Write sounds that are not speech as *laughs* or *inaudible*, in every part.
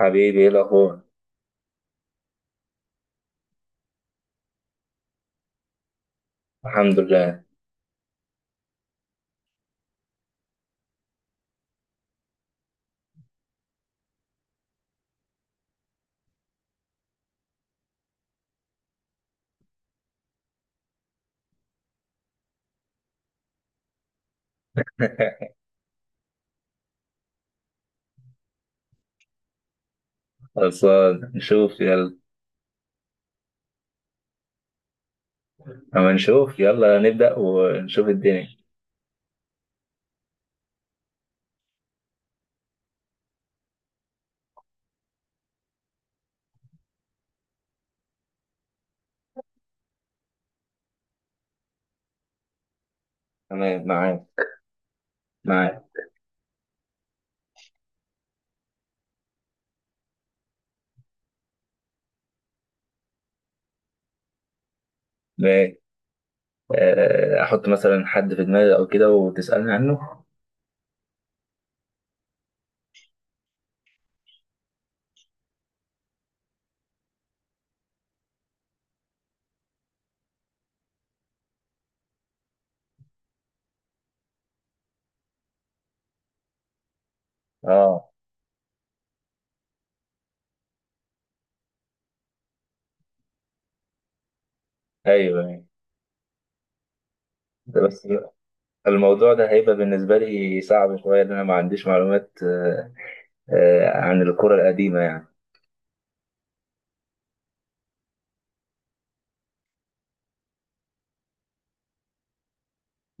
حبيبي ايه الاخبار؟ الحمد لله. *laughs* خلصان نشوف يلا. اما نشوف يلا نبدأ ونشوف الدنيا. تمام معاك. معاك. ماشي. احط مثلا حد في دماغي او كده وتسألني عنه. اه، ايوه أيوة. ده بس الموضوع ده هيبقى بالنسبة لي صعب شوية لأن أنا ما عنديش معلومات، عن الكرة القديمة يعني.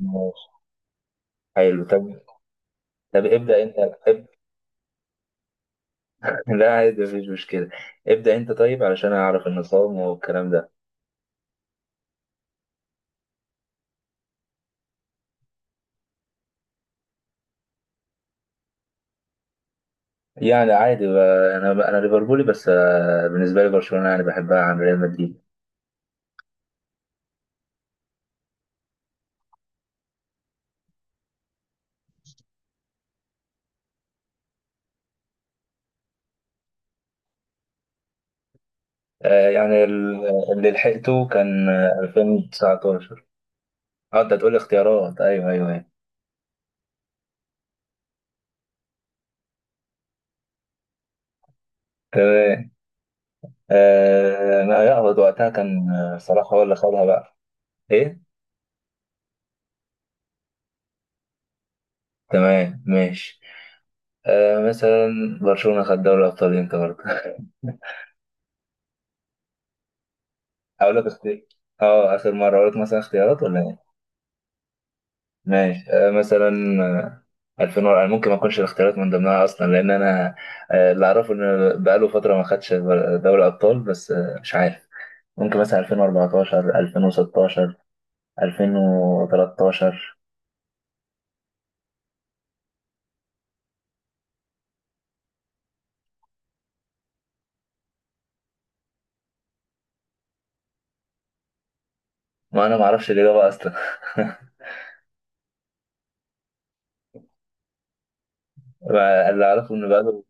ماشي. حلو طب. طب ابدأ أنت ابدأ. *laughs* لا عادي مفيش مشكلة. ابدأ أنت طيب علشان أعرف النظام والكلام ده. يعني عادي بقى، انا ليفربولي بس، بالنسبه لي برشلونه يعني بحبها عن ريال مدريد. يعني اللي لحقته كان، 2019. اه انت هتقول اختيارات. ايوه ايوه ايوه. تمام. انا يقبض وقتها كان، صلاح هو اللي خدها بقى. ايه؟ تمام ماشي. مثلا برشلونه خد دوري الابطال امتى برضه؟ *laughs* اقول لك اختيار. اه اخر مره اقول لك مثلا اختيارات ولا إيه؟ ماشي. مثلا، 2000 ورقة، ممكن ما اكونش الاختيارات من ضمنها اصلا لان انا، اللي اعرفه ان بقاله فترة ما خدش دوري ابطال بس، مش عارف. ممكن مثلا 2014 2016 2013. ما انا ما اعرفش الاجابة اصلا. *laughs* اللي اعرفه ان بقاله،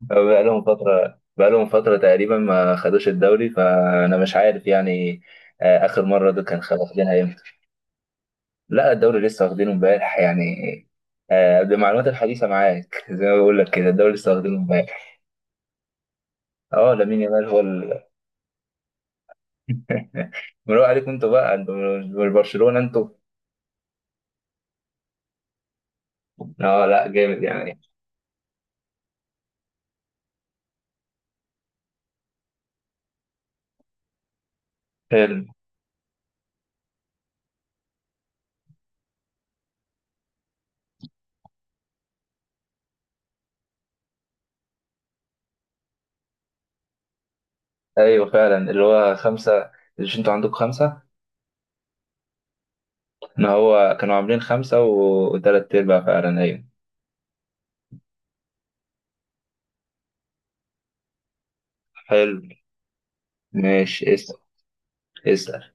بقالهم فترة تقريبا ما خدوش الدوري، فانا مش عارف يعني. اخر مرة دول كان واخدينها امتى؟ لا الدوري لسه واخدينه امبارح يعني. آه بمعلومات الحديثة معاك. *laughs* زي ما بقول لك كده الدوري لسه واخدينه امبارح. اه لامين يامال هو *laughs* مروق عليكم انتوا بقى، انتوا مش برشلونة انتوا. اه لا جامد يعني. حلو. ايوه فعلا اللي هو خمسة. مش انتوا عندكم خمسة؟ ان هو كانوا عاملين خمسة وتلات ارباع فعلا ايوه. حلو. ماشي اسأل. اسأل.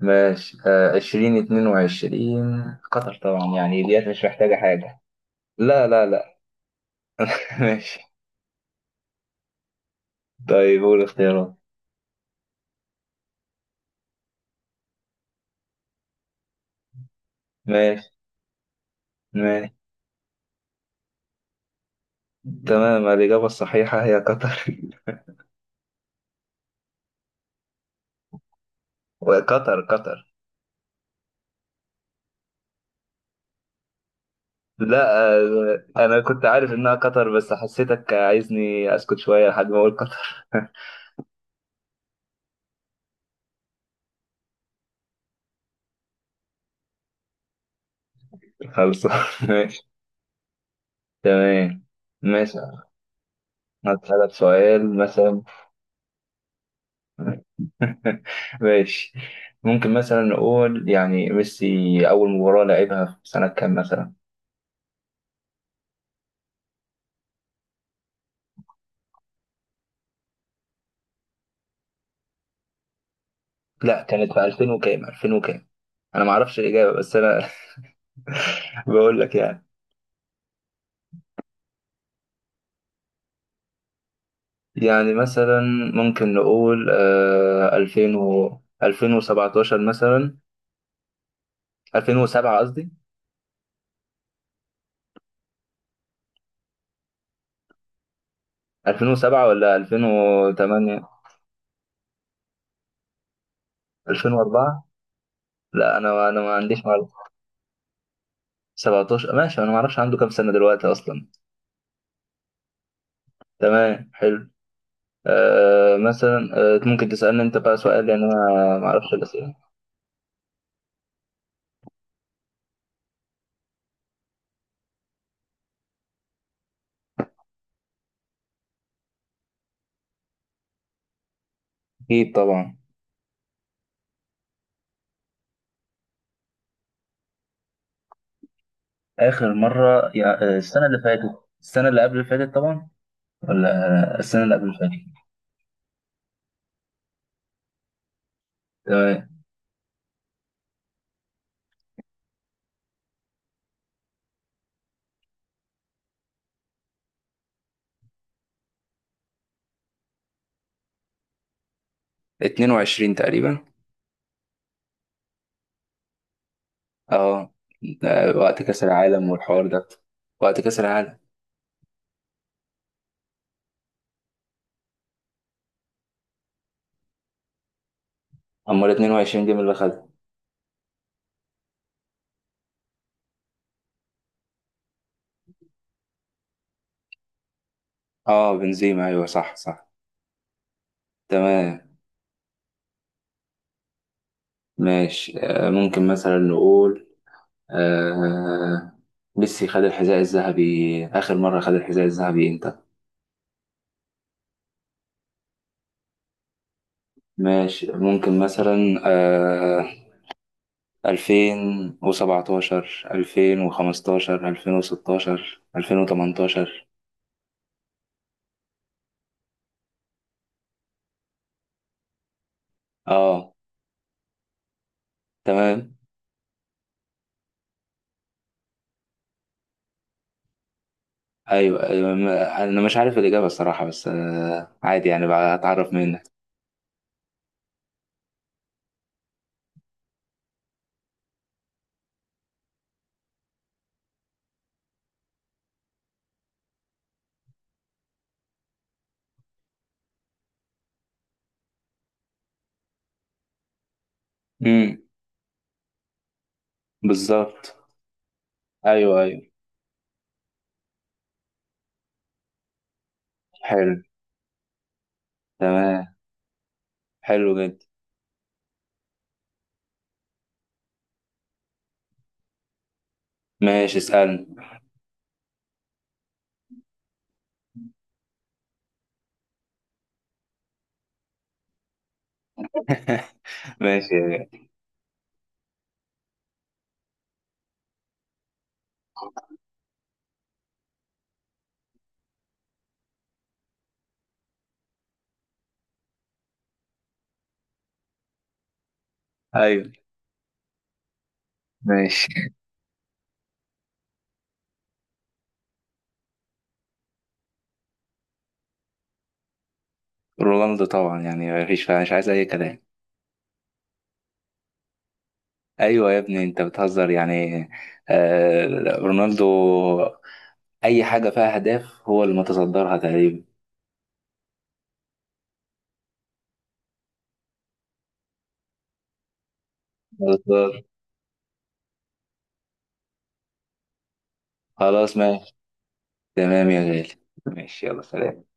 ماشي. عشرين اتنين وعشرين. قطر طبعا يعني ديت مش محتاجة حاجة. لا لا لا. *laughs* ماشي طيب قول اختيارات. ماشي. ماشي تمام. الإجابة الصحيحة هي قطر. *laughs* وقطر قطر. لا، أنا كنت عارف إنها قطر بس حسيتك عايزني أسكت شوية لحد ما أقول قطر. *laughs* خلص. *laughs* ماشي. تمام. ماشي. هسألك سؤال مثلا. *laughs* ماشي. ممكن مثلا نقول يعني ميسي أول مباراة لعبها في سنة كام مثلا؟ لا كانت في 2000 وكام، 2000 وكام؟ أنا معرفش الإجابة بس أنا، *laughs* بقول لك يعني. يعني مثلا ممكن نقول آه 2000 و 2017 مثلا. 2007 قصدي. 2007 ولا 2008. 2004. لا انا ما عنديش معلومه. 17 ماشي، انا ما اعرفش عنده كام سنه دلوقتي اصلا. تمام حلو. آه مثلا، آه ممكن تسالني انت بقى سؤال لان انا ما اعرفش الاسئله. اكيد طبعا. اخر مره يا، السنه اللي فاتت. السنه اللي قبل اللي فاتت طبعا. ولا السنه اللي قبل اللي فاتت. تمام. 22 تقريبا. اه، ده وقت كأس العالم والحوار ده. وقت كأس العالم. أمال 22 جيم اللي خدها. اه بنزيما أيوه صح صح. تمام ماشي. آه ممكن مثلا نقول آه ميسي خد الحذاء الذهبي آخر مرة خد الحذاء الذهبي إمتى؟ ماشي ممكن مثلا آه 2017 2015 2016 2018. اه تمام. ايوه ايوه انا مش عارف الاجابه الصراحه بس، عادي يعني بقى اتعرف منك. امم بالظبط. ايوه ايوه. حلو. تمام. حلو جدا. ماشي اسالني. *laughs* ماشي ايوه ماشي. رونالدو طبعا يعني مفيش فيها، مش عايز اي كلام. ايوه يا ابني انت بتهزر يعني. آه رونالدو. اي حاجه فيها اهداف هو اللي متصدرها تقريبا. بالظبط. خلاص ماشي. تمام يا غالي. ماشي يلا سلام.